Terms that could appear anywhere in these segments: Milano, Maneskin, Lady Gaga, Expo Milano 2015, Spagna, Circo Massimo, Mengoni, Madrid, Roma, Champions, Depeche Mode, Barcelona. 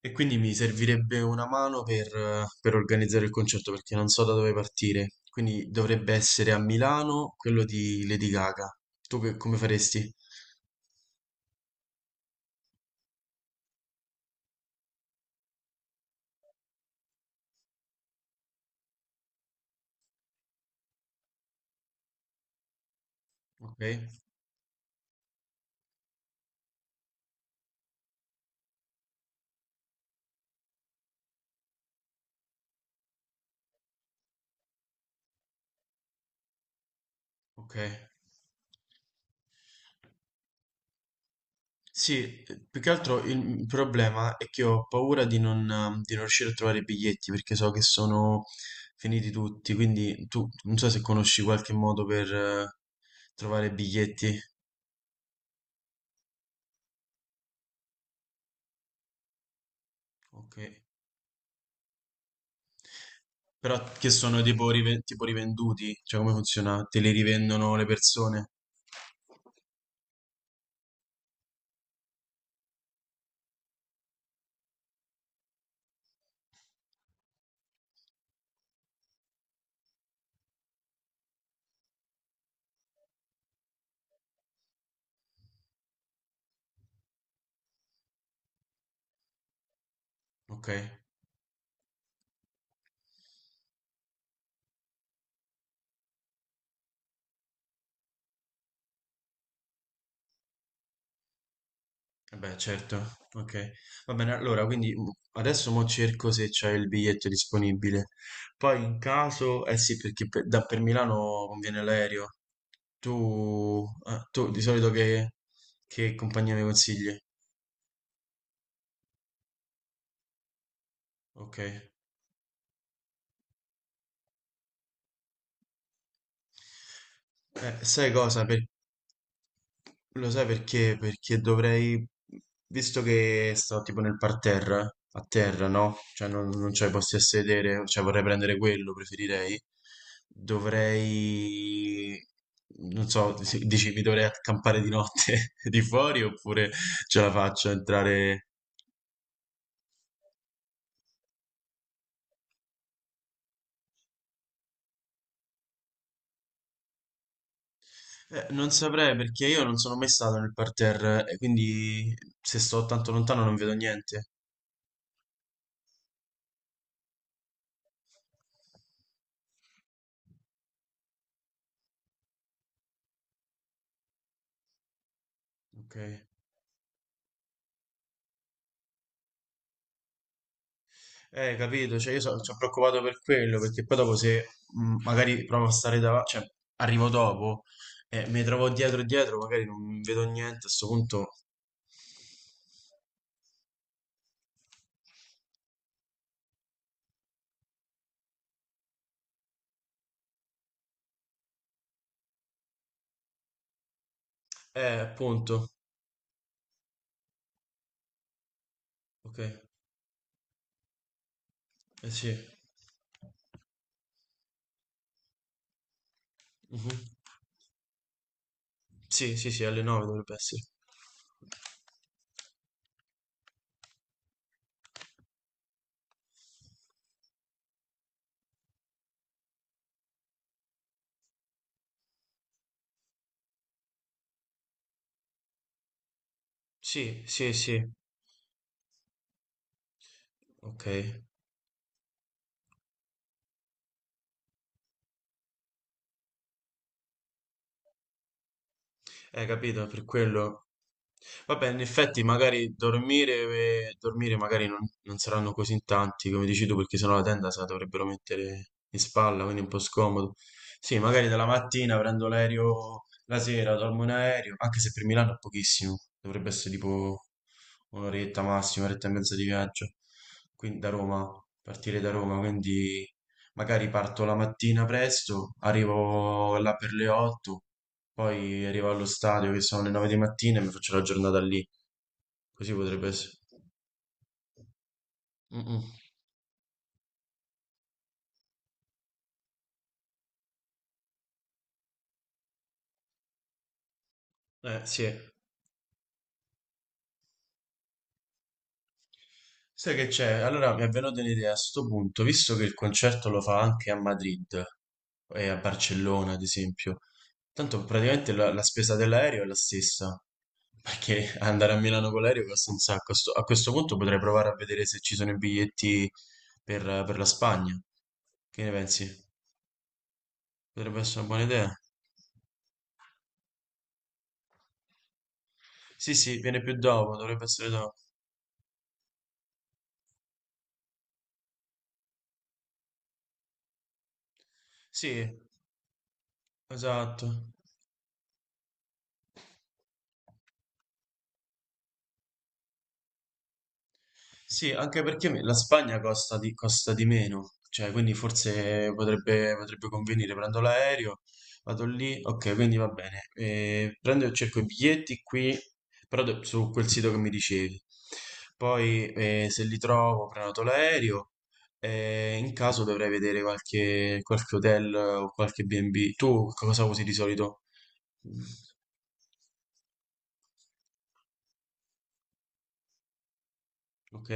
E quindi mi servirebbe una mano per organizzare il concerto perché non so da dove partire. Quindi dovrebbe essere a Milano quello di Lady Gaga. Tu come faresti? Ok, ok. Sì, più che altro il problema è che ho paura di non riuscire a trovare i biglietti perché so che sono finiti tutti. Quindi tu non so se conosci qualche modo per trovare biglietti. Ok. Però che sono tipo, tipo rivenduti? Cioè come funziona? Te li rivendono le persone? Ok, eh beh, certo, ok. Va bene, allora, quindi adesso mo cerco se c'è il biglietto disponibile. Poi in caso, eh sì, perché da per Milano conviene l'aereo. Tu, ah, tu di solito che compagnia mi consigli? Ok. Sai cosa? Lo sai perché? Perché dovrei, visto che sto tipo nel parterre, a terra, no? Cioè non c'ho i posti a sedere, cioè vorrei prendere quello, preferirei. Dovrei, non so, dici mi dovrei accampare di notte di fuori oppure ce la faccio a entrare? Non saprei perché io non sono mai stato nel parterre e quindi se sto tanto lontano non vedo niente. Ok. Capito, cioè io sono preoccupato per quello, perché poi dopo se magari provo a stare davanti, cioè arrivo dopo e mi trovo dietro e dietro, magari non vedo niente, a questo punto. Appunto, ok, eh sì. Mhm. Sì, sì, sì, alle 9 dovrebbe essere. Sì, sì, sì, ok. Capito, per quello. Vabbè, in effetti magari dormire magari non saranno così in tanti, come dici tu, perché sennò la tenda se la dovrebbero mettere in spalla, quindi è un po' scomodo. Sì, magari dalla mattina prendo l'aereo, la sera dormo in aereo, anche se per Milano è pochissimo, dovrebbe essere tipo un'oretta massima, un'oretta e mezza di viaggio, quindi da Roma, partire da Roma, quindi magari parto la mattina presto, arrivo là per le 8, poi arrivo allo stadio che sono le 9 di mattina e mi faccio la giornata lì. Così potrebbe essere. Mm-mm. Sì. Sai che c'è? Allora mi è venuta un'idea a sto punto, visto che il concerto lo fa anche a Madrid e a Barcellona, ad esempio. Tanto praticamente la spesa dell'aereo è la stessa, perché andare a Milano con l'aereo costa un sacco. A questo punto potrei provare a vedere se ci sono i biglietti per la Spagna. Che ne pensi? Potrebbe essere una buona idea. Sì, sì, viene più dopo, dovrebbe essere dopo. Sì, esatto. Sì, anche perché la Spagna costa costa di meno, cioè quindi forse potrebbe convenire. Prendo l'aereo, vado lì, ok, quindi va bene. Prendo e cerco i biglietti qui, però su quel sito che mi dicevi. Poi se li trovo, prenoto l'aereo. E in caso dovrei vedere qualche, qualche hotel o qualche B&B. Tu cosa usi di solito? Ok?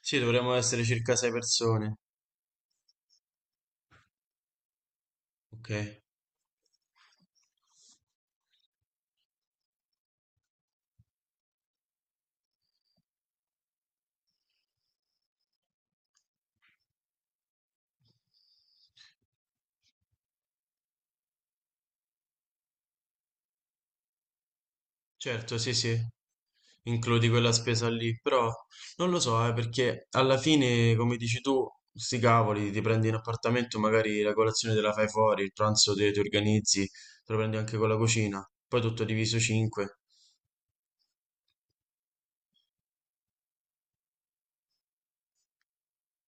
Sì, dovremmo essere circa 6 persone. Ok. Certo, sì, sì, includi quella spesa lì, però non lo so, perché alla fine, come dici tu, sti cavoli, ti prendi un appartamento, magari la colazione te la fai fuori, il pranzo te ti organizzi, te lo prendi anche con la cucina, poi tutto diviso 5.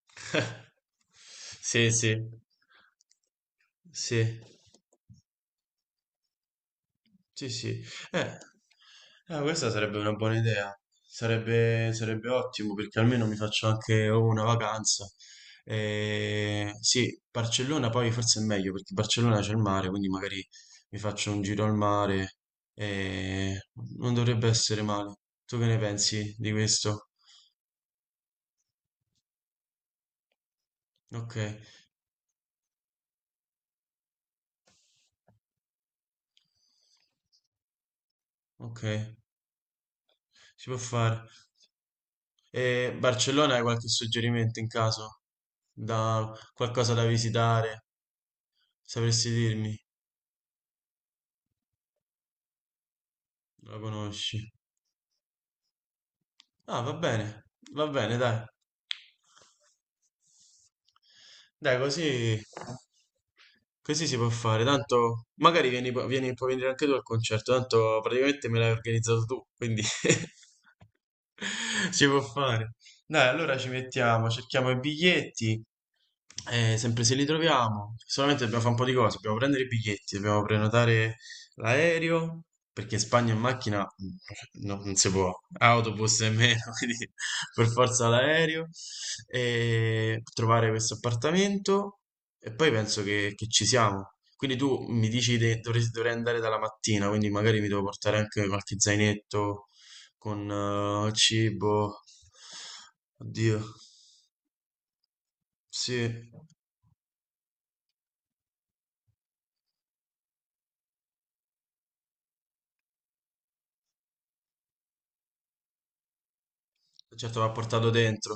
Sì, sì, sì. Sì, sì. Eh, questa sarebbe una buona idea. Sarebbe ottimo perché almeno mi faccio anche oh, una vacanza. Sì, Barcellona poi forse è meglio perché Barcellona c'è il mare, quindi magari mi faccio un giro al mare. Eh, non dovrebbe essere male. Tu che ne pensi di questo? Ok, ok, si può fare. E Barcellona hai qualche suggerimento in caso? Da qualcosa da visitare? Sapresti dirmi? La conosci. Ah, va bene, dai. Dai, così, così si può fare. Tanto, magari puoi venire anche tu al concerto. Tanto praticamente me l'hai organizzato tu, quindi si può fare. Dai, allora ci mettiamo, cerchiamo i biglietti sempre se li troviamo, solamente dobbiamo fare un po' di cose, dobbiamo prendere i biglietti, dobbiamo prenotare l'aereo, perché in Spagna in macchina non si può, autobus nemmeno, quindi per forza l'aereo, e trovare questo appartamento e poi penso che ci siamo. Quindi tu mi dici che dovrei andare dalla mattina, quindi magari mi devo portare anche qualche zainetto con cibo. Oddio, sì. Certo, va portato dentro.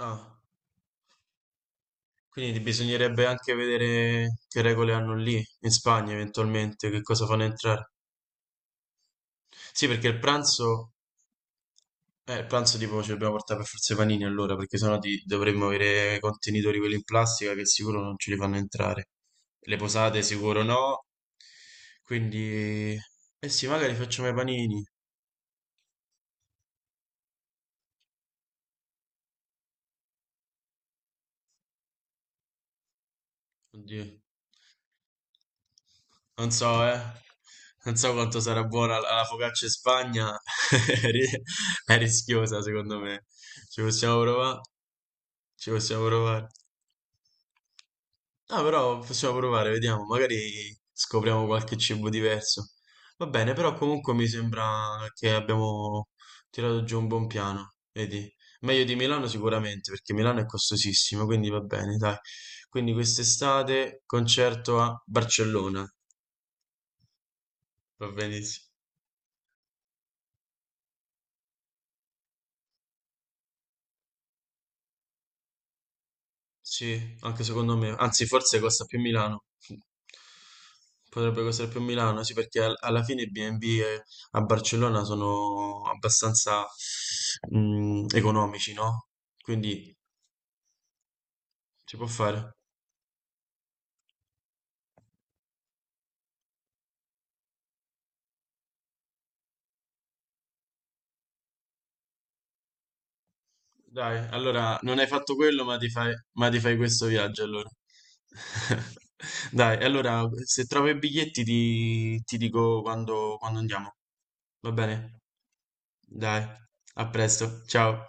Ah, quindi bisognerebbe anche vedere che regole hanno lì, in Spagna eventualmente, che cosa fanno entrare. Sì, perché il pranzo tipo ci dobbiamo portare per forza i panini allora, perché sennò dovremmo avere i contenitori quelli in plastica che sicuro non ce li fanno entrare. Le posate sicuro no, quindi. Eh sì, magari facciamo i panini. Oddio. Non so, eh. Non so quanto sarà buona la la focaccia in Spagna. È ri- è rischiosa, secondo me. Ci possiamo provare? Ci possiamo provare. No, però possiamo provare, vediamo. Magari scopriamo qualche cibo diverso. Va bene, però comunque mi sembra che abbiamo tirato giù un buon piano. Vedi? Meglio di Milano sicuramente, perché Milano è costosissimo, quindi va bene, dai. Quindi quest'estate concerto a Barcellona. Va benissimo. Sì, anche secondo me. Anzi, forse costa più Milano. Potrebbe costare più Milano, sì, perché alla fine i B&B a Barcellona sono abbastanza economici, no? Quindi si può fare. Dai, allora non hai fatto quello, ma ti fai questo viaggio allora. Dai, allora se trovo i biglietti ti dico quando andiamo. Va bene? Dai, a presto, ciao.